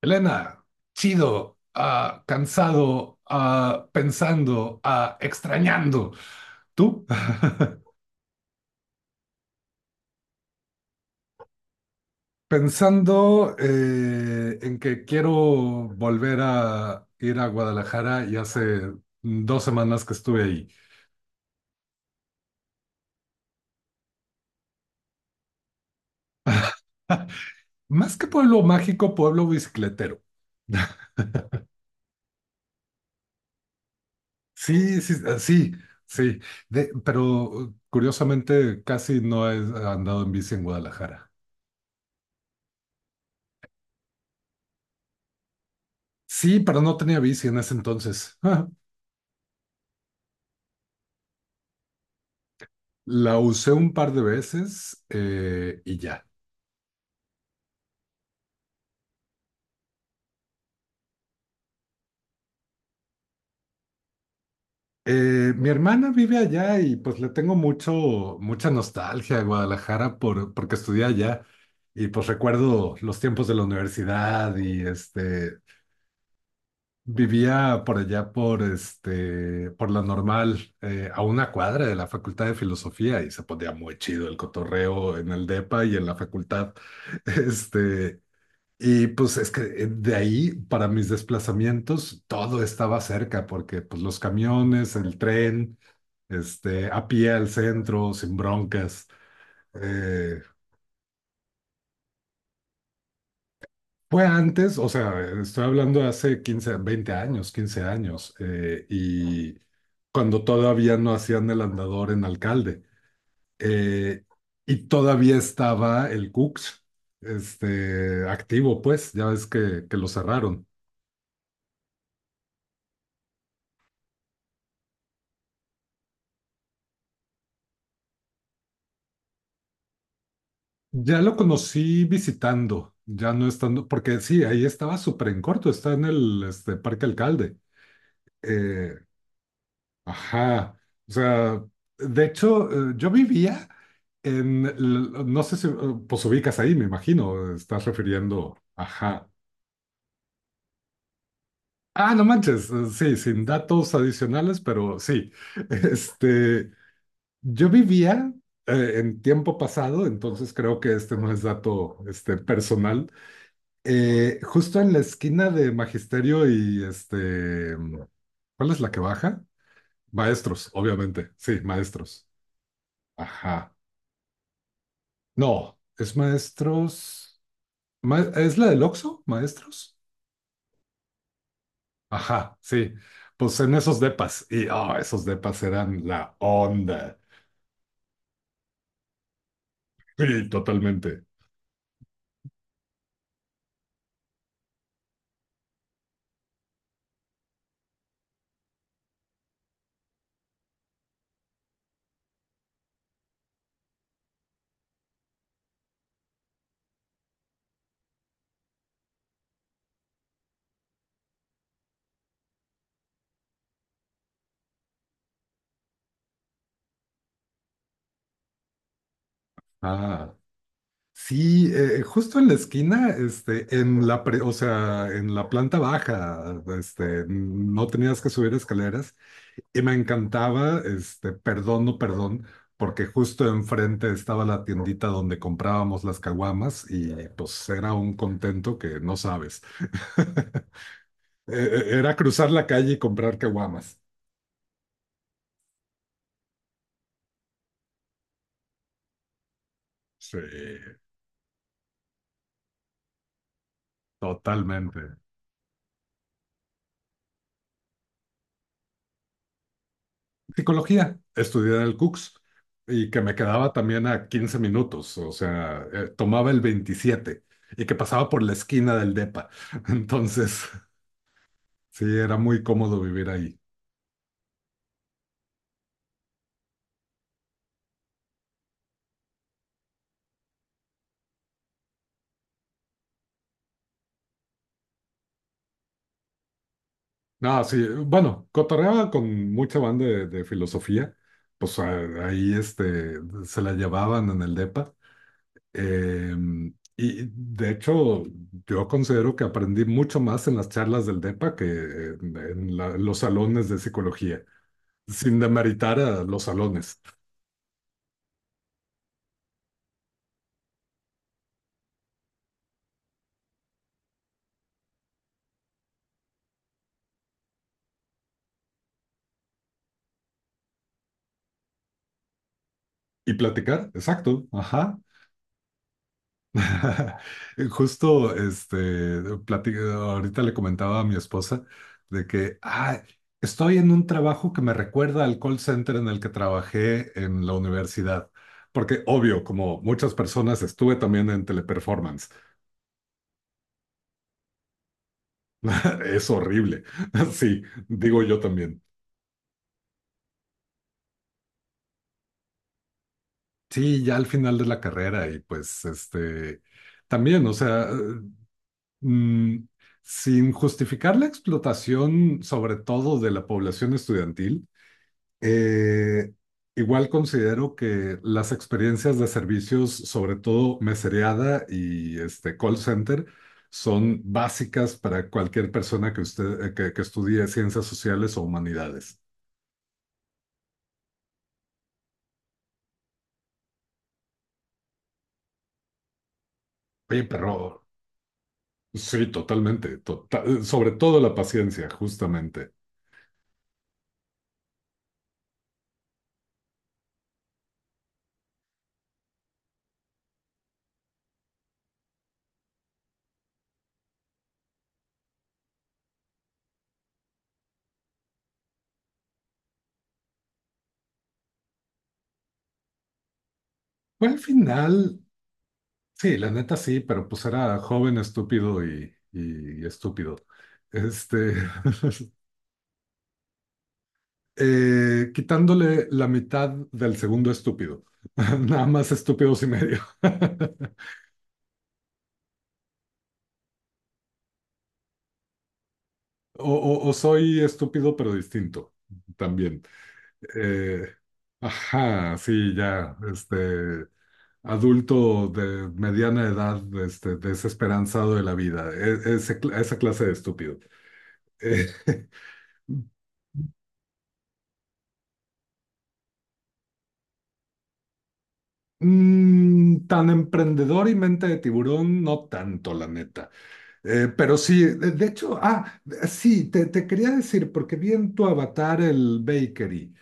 Elena, chido, cansado, pensando, extrañando. ¿Tú? Pensando, en que quiero volver a ir a Guadalajara y hace 2 semanas que estuve ahí. Más que pueblo mágico, pueblo bicicletero. Sí, sí, sí, sí. Pero curiosamente casi no he andado en bici en Guadalajara. Sí, pero no tenía bici en ese entonces. La usé un par de veces y ya. Mi hermana vive allá y pues le tengo mucha nostalgia a Guadalajara porque estudié allá y pues recuerdo los tiempos de la universidad y este, vivía por allá por la normal, a una cuadra de la Facultad de Filosofía, y se ponía muy chido el cotorreo en el DEPA y en la facultad. Este, Y pues es que de ahí, para mis desplazamientos, todo estaba cerca, porque pues los camiones, el tren, este, a pie al centro, sin broncas. Eh, Fue antes, o sea, estoy hablando de hace 15 20 años, 15 años, y cuando todavía no hacían el andador en Alcalde, eh, y todavía estaba el Cux, este, activo, pues, ya ves que lo cerraron. Ya lo conocí visitando, ya no estando, porque sí, ahí estaba súper en corto, está en el este, Parque Alcalde. Eh, ajá, o sea, de hecho, yo vivía no sé si, pues ubicas ahí, me imagino, estás refiriendo, ajá. Ah, no manches, sí, sin datos adicionales, pero sí. este, yo vivía, en tiempo pasado, entonces creo que este no es dato, este, personal. Justo en la esquina de Magisterio y este, ¿cuál es la que baja? Maestros, obviamente. Sí, maestros. Ajá. No, es maestros. ¿Es la del Oxxo? Maestros. Ajá, sí. Pues en esos depas. Y, esos depas eran la onda. Sí, totalmente. Ah. Sí, justo en la esquina, este, en la o sea, en la planta baja, este, no tenías que subir escaleras. Y me encantaba, este, perdón, no perdón, porque justo enfrente estaba la tiendita donde comprábamos las caguamas y pues era un contento que no sabes. Era cruzar la calle y comprar caguamas. Sí, totalmente. Psicología, estudié en el Cux y que me quedaba también a 15 minutos, o sea, tomaba el 27 y que pasaba por la esquina del DEPA. Entonces, sí, era muy cómodo vivir ahí. No, sí, bueno, cotorreaba con mucha banda de filosofía, pues ahí, este, se la llevaban en el DEPA. eh, y de hecho, yo considero que aprendí mucho más en las charlas del DEPA que los salones de psicología, sin demeritar a los salones. Y platicar, exacto, ajá. Justo, este, ahorita le comentaba a mi esposa de que: "Ah, estoy en un trabajo que me recuerda al call center en el que trabajé en la universidad. Porque, obvio, como muchas personas, estuve también en teleperformance." Es horrible. Sí, digo yo también. Sí, ya al final de la carrera y pues, este, también, o sea, mm, sin justificar la explotación, sobre todo de la población estudiantil. Eh, Igual considero que las experiencias de servicios, sobre todo mesereada y este call center, son básicas para cualquier persona, que usted, que estudie ciencias sociales o humanidades. Oye, pero sí, totalmente, sobre todo la paciencia, justamente. Bueno, al final, sí, la neta sí, pero pues era joven, estúpido y estúpido. Este, Quitándole la mitad del segundo estúpido. Nada más estúpidos y medio. O soy estúpido pero distinto también. Eh, ajá, sí, ya, este, adulto de mediana edad, este, desesperanzado de la vida, esa clase de estúpido. Eh, Tan emprendedor y mente de tiburón, no tanto, la neta. Pero sí, de hecho, sí, te quería decir, porque vi en tu avatar el bakery,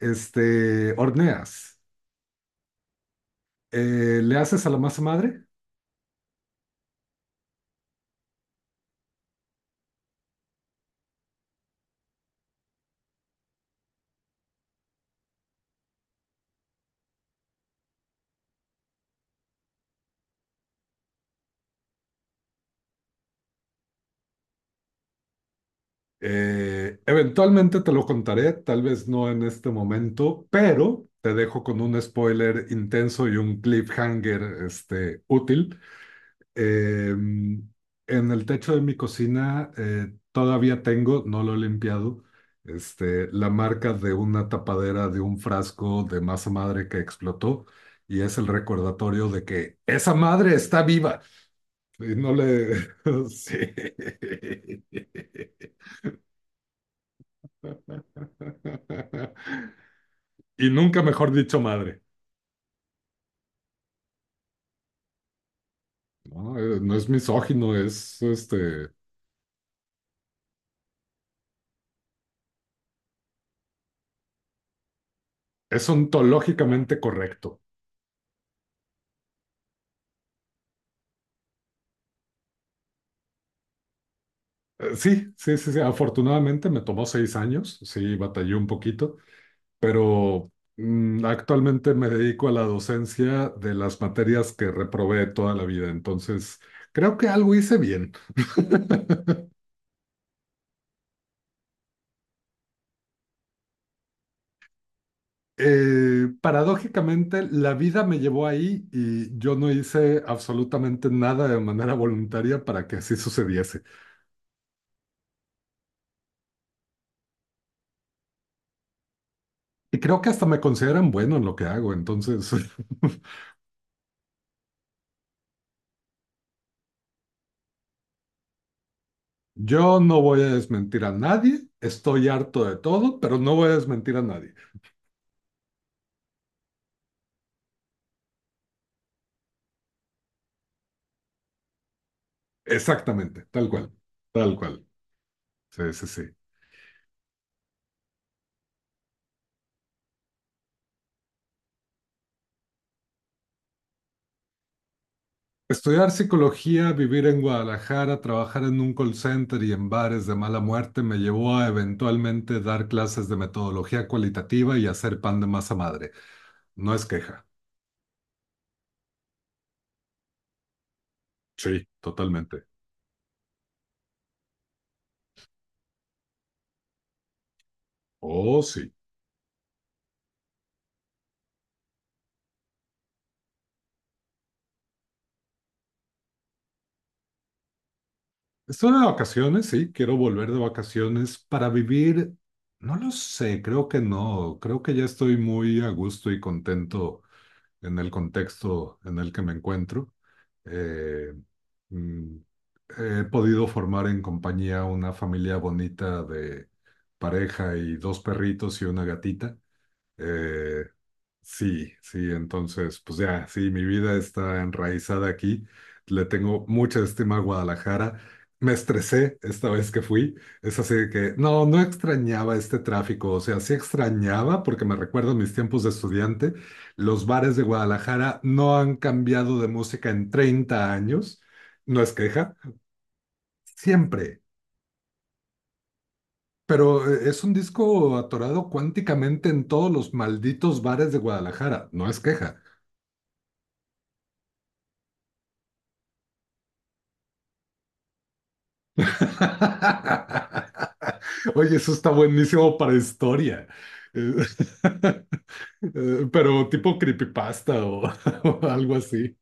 este, horneas, ¿le haces a la masa madre? Eventualmente te lo contaré, tal vez no en este momento, pero te dejo con un spoiler intenso y un cliffhanger, este, útil. Eh, en el techo de mi cocina, todavía tengo, no lo he limpiado, este, la marca de una tapadera de un frasco de masa madre que explotó, y es el recordatorio de que esa madre está viva. Y no le... Sí. Y nunca mejor dicho madre. No. No es misógino, es, este, es ontológicamente correcto. Sí, sí, sí, sí. Afortunadamente me tomó 6 años, sí, batallé un poquito, pero actualmente me dedico a la docencia de las materias que reprobé toda la vida, entonces creo que algo hice bien. Paradójicamente, la vida me llevó ahí y yo no hice absolutamente nada de manera voluntaria para que así sucediese. Y creo que hasta me consideran bueno en lo que hago, entonces. Yo no voy a desmentir a nadie, estoy harto de todo, pero no voy a desmentir a nadie. Exactamente, tal cual, tal cual. Sí, sí, sí. Estudiar psicología, vivir en Guadalajara, trabajar en un call center y en bares de mala muerte me llevó a eventualmente dar clases de metodología cualitativa y hacer pan de masa madre. No es queja. Sí, totalmente. Oh, sí. Estoy de vacaciones, sí, quiero volver de vacaciones para vivir, no lo sé, creo que no, creo que ya estoy muy a gusto y contento en el contexto en el que me encuentro. Eh, mm, He podido formar en compañía una familia bonita de pareja y dos perritos y una gatita. Eh, Sí, sí, entonces, pues ya, sí, mi vida está enraizada aquí. Le tengo mucha estima a Guadalajara. Me estresé esta vez que fui. Es así de que no, no extrañaba este tráfico. O sea, sí extrañaba porque me recuerdo mis tiempos de estudiante. Los bares de Guadalajara no han cambiado de música en 30 años. No es queja, siempre. Pero es un disco atorado cuánticamente en todos los malditos bares de Guadalajara. No es queja. Oye, eso está buenísimo para historia. Eh, Pero tipo creepypasta o, o algo así.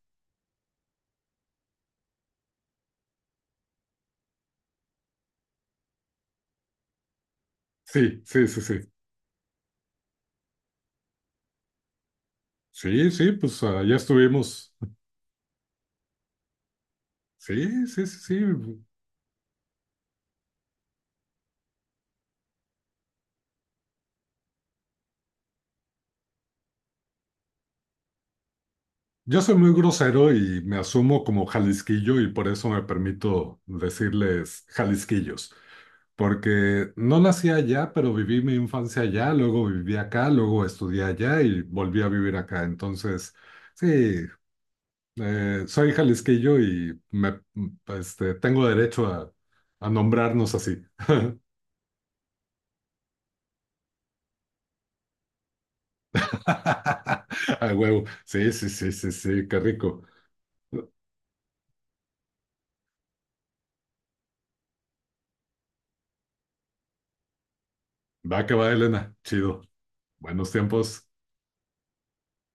Sí, sí, sí, sí. Sí, sí, pues ya estuvimos. Sí, sí, sí, sí. Yo soy muy grosero y me asumo como jalisquillo y por eso me permito decirles jalisquillos. Porque no nací allá, pero viví mi infancia allá, luego viví acá, luego estudié allá y volví a vivir acá. Entonces, sí, soy jalisquillo este, tengo derecho a nombrarnos así. A huevo. Sí, sí, sí, sí, sí, qué rico. Va que va, Elena. Chido. Buenos tiempos.